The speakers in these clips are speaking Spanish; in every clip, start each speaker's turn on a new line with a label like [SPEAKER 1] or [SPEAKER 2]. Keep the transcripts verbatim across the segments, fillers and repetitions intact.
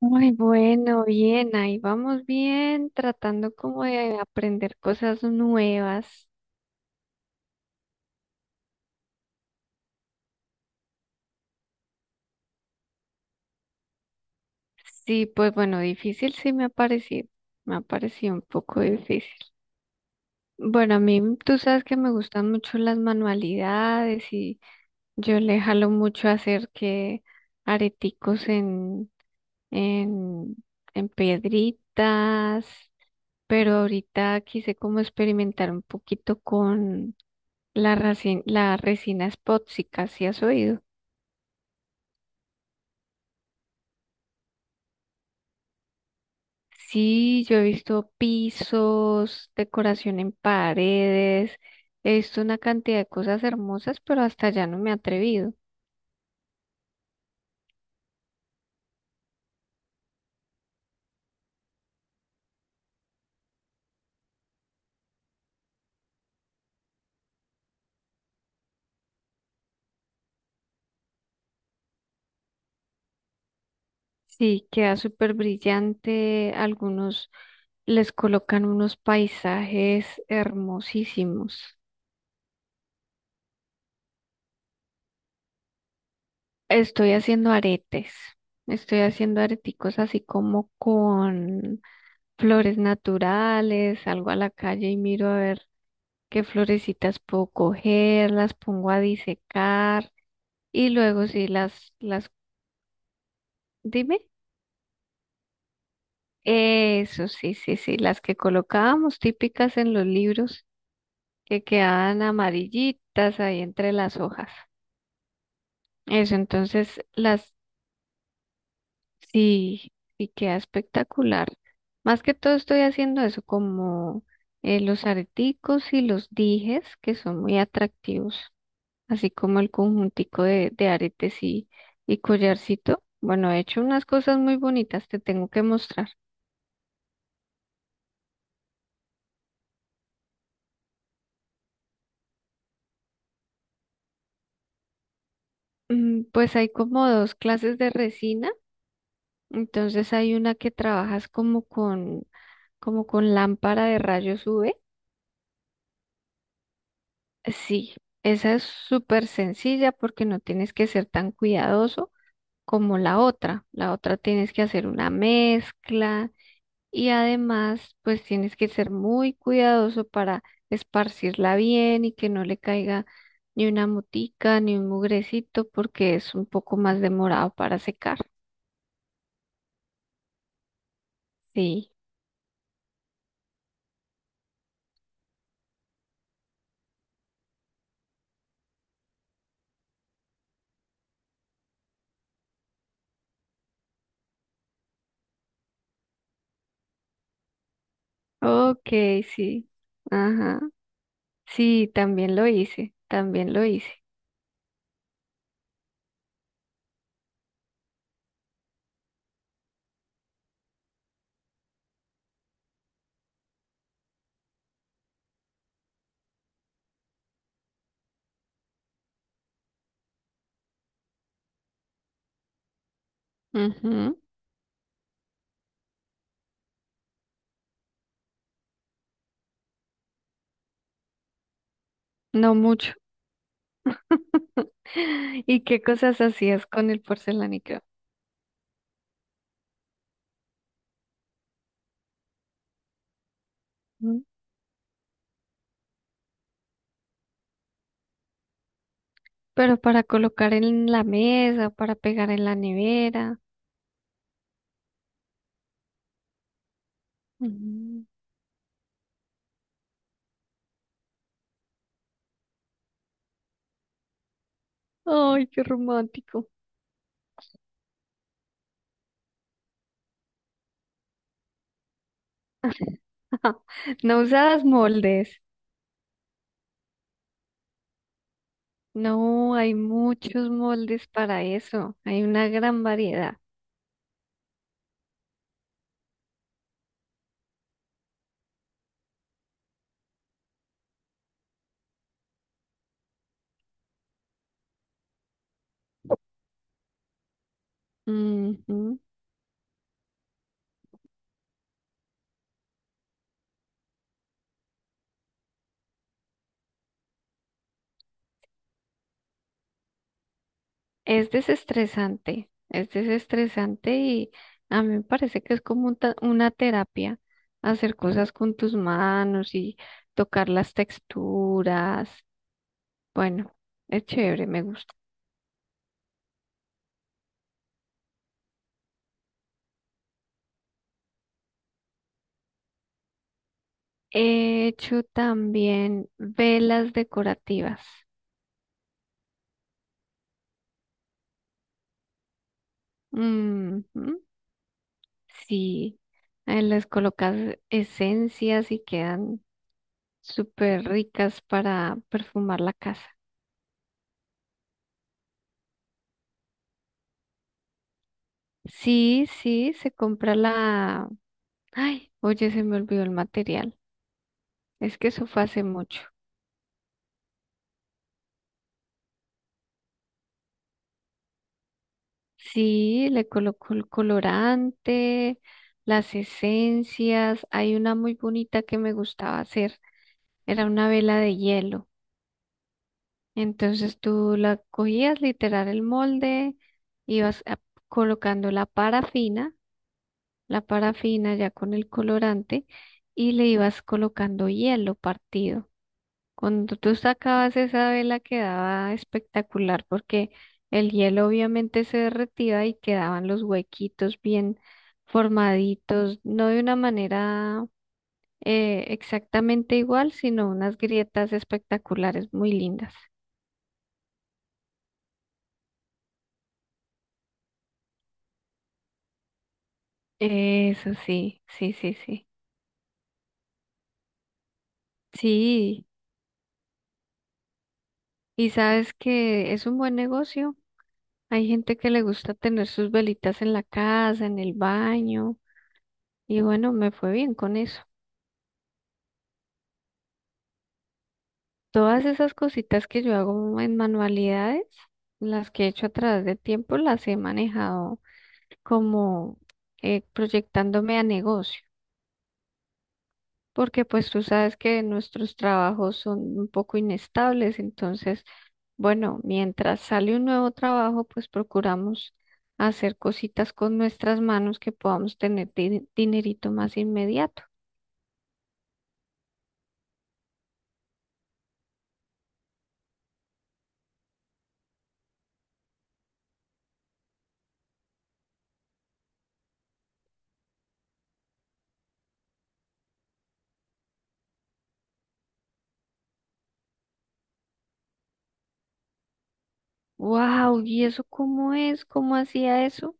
[SPEAKER 1] Muy bueno, bien, ahí vamos bien, tratando como de aprender cosas nuevas. Sí, pues bueno, difícil sí me ha parecido, me ha parecido un poco difícil. Bueno, a mí tú sabes que me gustan mucho las manualidades y yo le jalo mucho a hacer que areticos en, en, en piedritas, pero ahorita quise como experimentar un poquito con La, racin- la resina es tóxica, ¿sí has oído? Sí, yo he visto pisos, decoración en paredes, he visto una cantidad de cosas hermosas, pero hasta allá no me he atrevido. Sí, queda súper brillante, algunos les colocan unos paisajes hermosísimos. Estoy haciendo aretes, estoy haciendo areticos así como con flores naturales, salgo a la calle y miro a ver qué florecitas puedo coger, las pongo a disecar y luego sí las, las, dime. Eso sí, sí, sí, las que colocábamos típicas en los libros que quedaban amarillitas ahí entre las hojas. Eso, entonces las, sí, y queda espectacular. Más que todo estoy haciendo eso como eh, los areticos y los dijes que son muy atractivos, así como el conjuntico de, de aretes y, y collarcito. Bueno, he hecho unas cosas muy bonitas, te tengo que mostrar. Mm. Pues hay como dos clases de resina, entonces hay una que trabajas como con, como con lámpara de rayos U V. Sí, esa es súper sencilla porque no tienes que ser tan cuidadoso como la otra. La otra tienes que hacer una mezcla, y además, pues tienes que ser muy cuidadoso para esparcirla bien y que no le caiga ni una motica ni un mugrecito porque es un poco más demorado para secar. Sí. Ok, sí. Ajá. Sí, también lo hice, también lo hice. Ujú. No mucho. ¿Y qué cosas hacías con el porcelánico? Ujú. Pero para colocar en la mesa, para pegar en la nevera. Ujú. Ay, qué romántico. No usabas moldes. No, hay muchos moldes para eso. Hay una gran variedad. Ujú. Es desestresante. Es desestresante y a mí me parece que es como un ta- una terapia hacer cosas con tus manos y tocar las texturas. Bueno, es chévere, me gusta. He hecho también velas decorativas. Ujú. Sí, eh, les colocas esencias y quedan súper ricas para perfumar la casa. Sí, sí, se compra la... Ay, oye, se me olvidó el material. Es que eso fue hace mucho. Sí, le colocó el colorante, las esencias. Hay una muy bonita que me gustaba hacer. Era una vela de hielo. Entonces tú la cogías literal el molde, ibas a- colocando la parafina, la parafina ya con el colorante, y le ibas colocando hielo partido. Cuando tú sacabas esa vela quedaba espectacular porque el hielo obviamente se derretía y quedaban los huequitos bien formaditos, no de una manera eh, exactamente igual, sino unas grietas espectaculares, muy lindas. Eso sí, sí, sí, sí. Sí, y sabes que es un buen negocio. Hay gente que le gusta tener sus velitas en la casa, en el baño, y bueno, me fue bien con eso. Todas esas cositas que yo hago en manualidades, las que he hecho a través del tiempo, las he manejado como eh, proyectándome a negocio, porque pues tú sabes que nuestros trabajos son un poco inestables, entonces, bueno, mientras sale un nuevo trabajo, pues procuramos hacer cositas con nuestras manos que podamos tener di- dinerito más inmediato. Wow, ¿y eso cómo es? ¿Cómo hacía eso?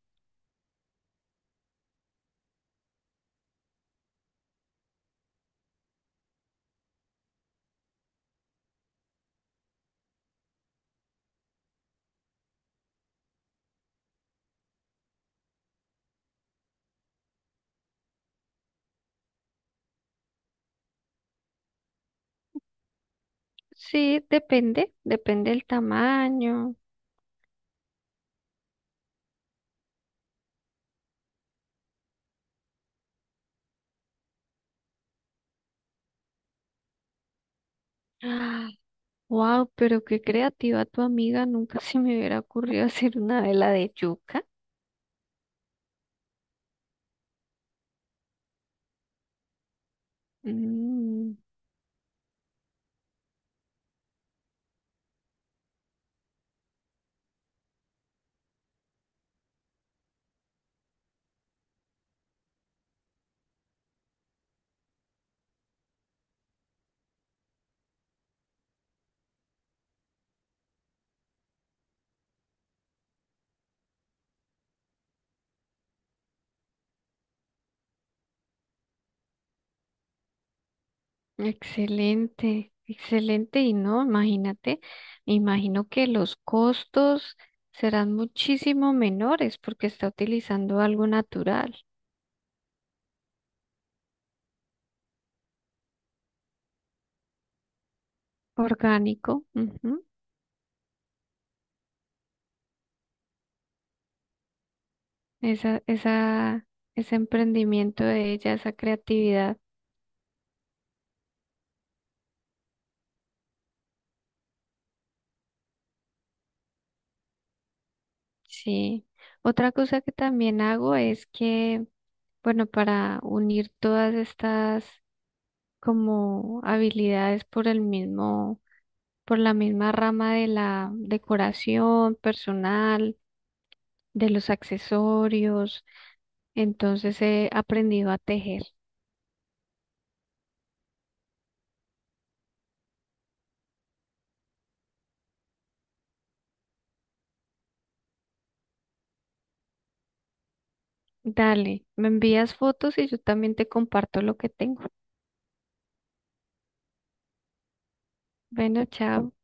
[SPEAKER 1] Sí, depende, depende del tamaño. Wow, pero qué creativa tu amiga, nunca se me hubiera ocurrido hacer una vela de yuca. Mm, excelente, excelente. Y no, imagínate, me imagino que los costos serán muchísimo menores porque está utilizando algo natural, orgánico. Ujú. esa, esa, Ese emprendimiento de ella, esa creatividad. Sí. Otra cosa que también hago es que, bueno, para unir todas estas como habilidades por el mismo, por la misma rama de la decoración personal, de los accesorios, entonces he aprendido a tejer. Dale, me envías fotos y yo también te comparto lo que tengo. Bueno, chao.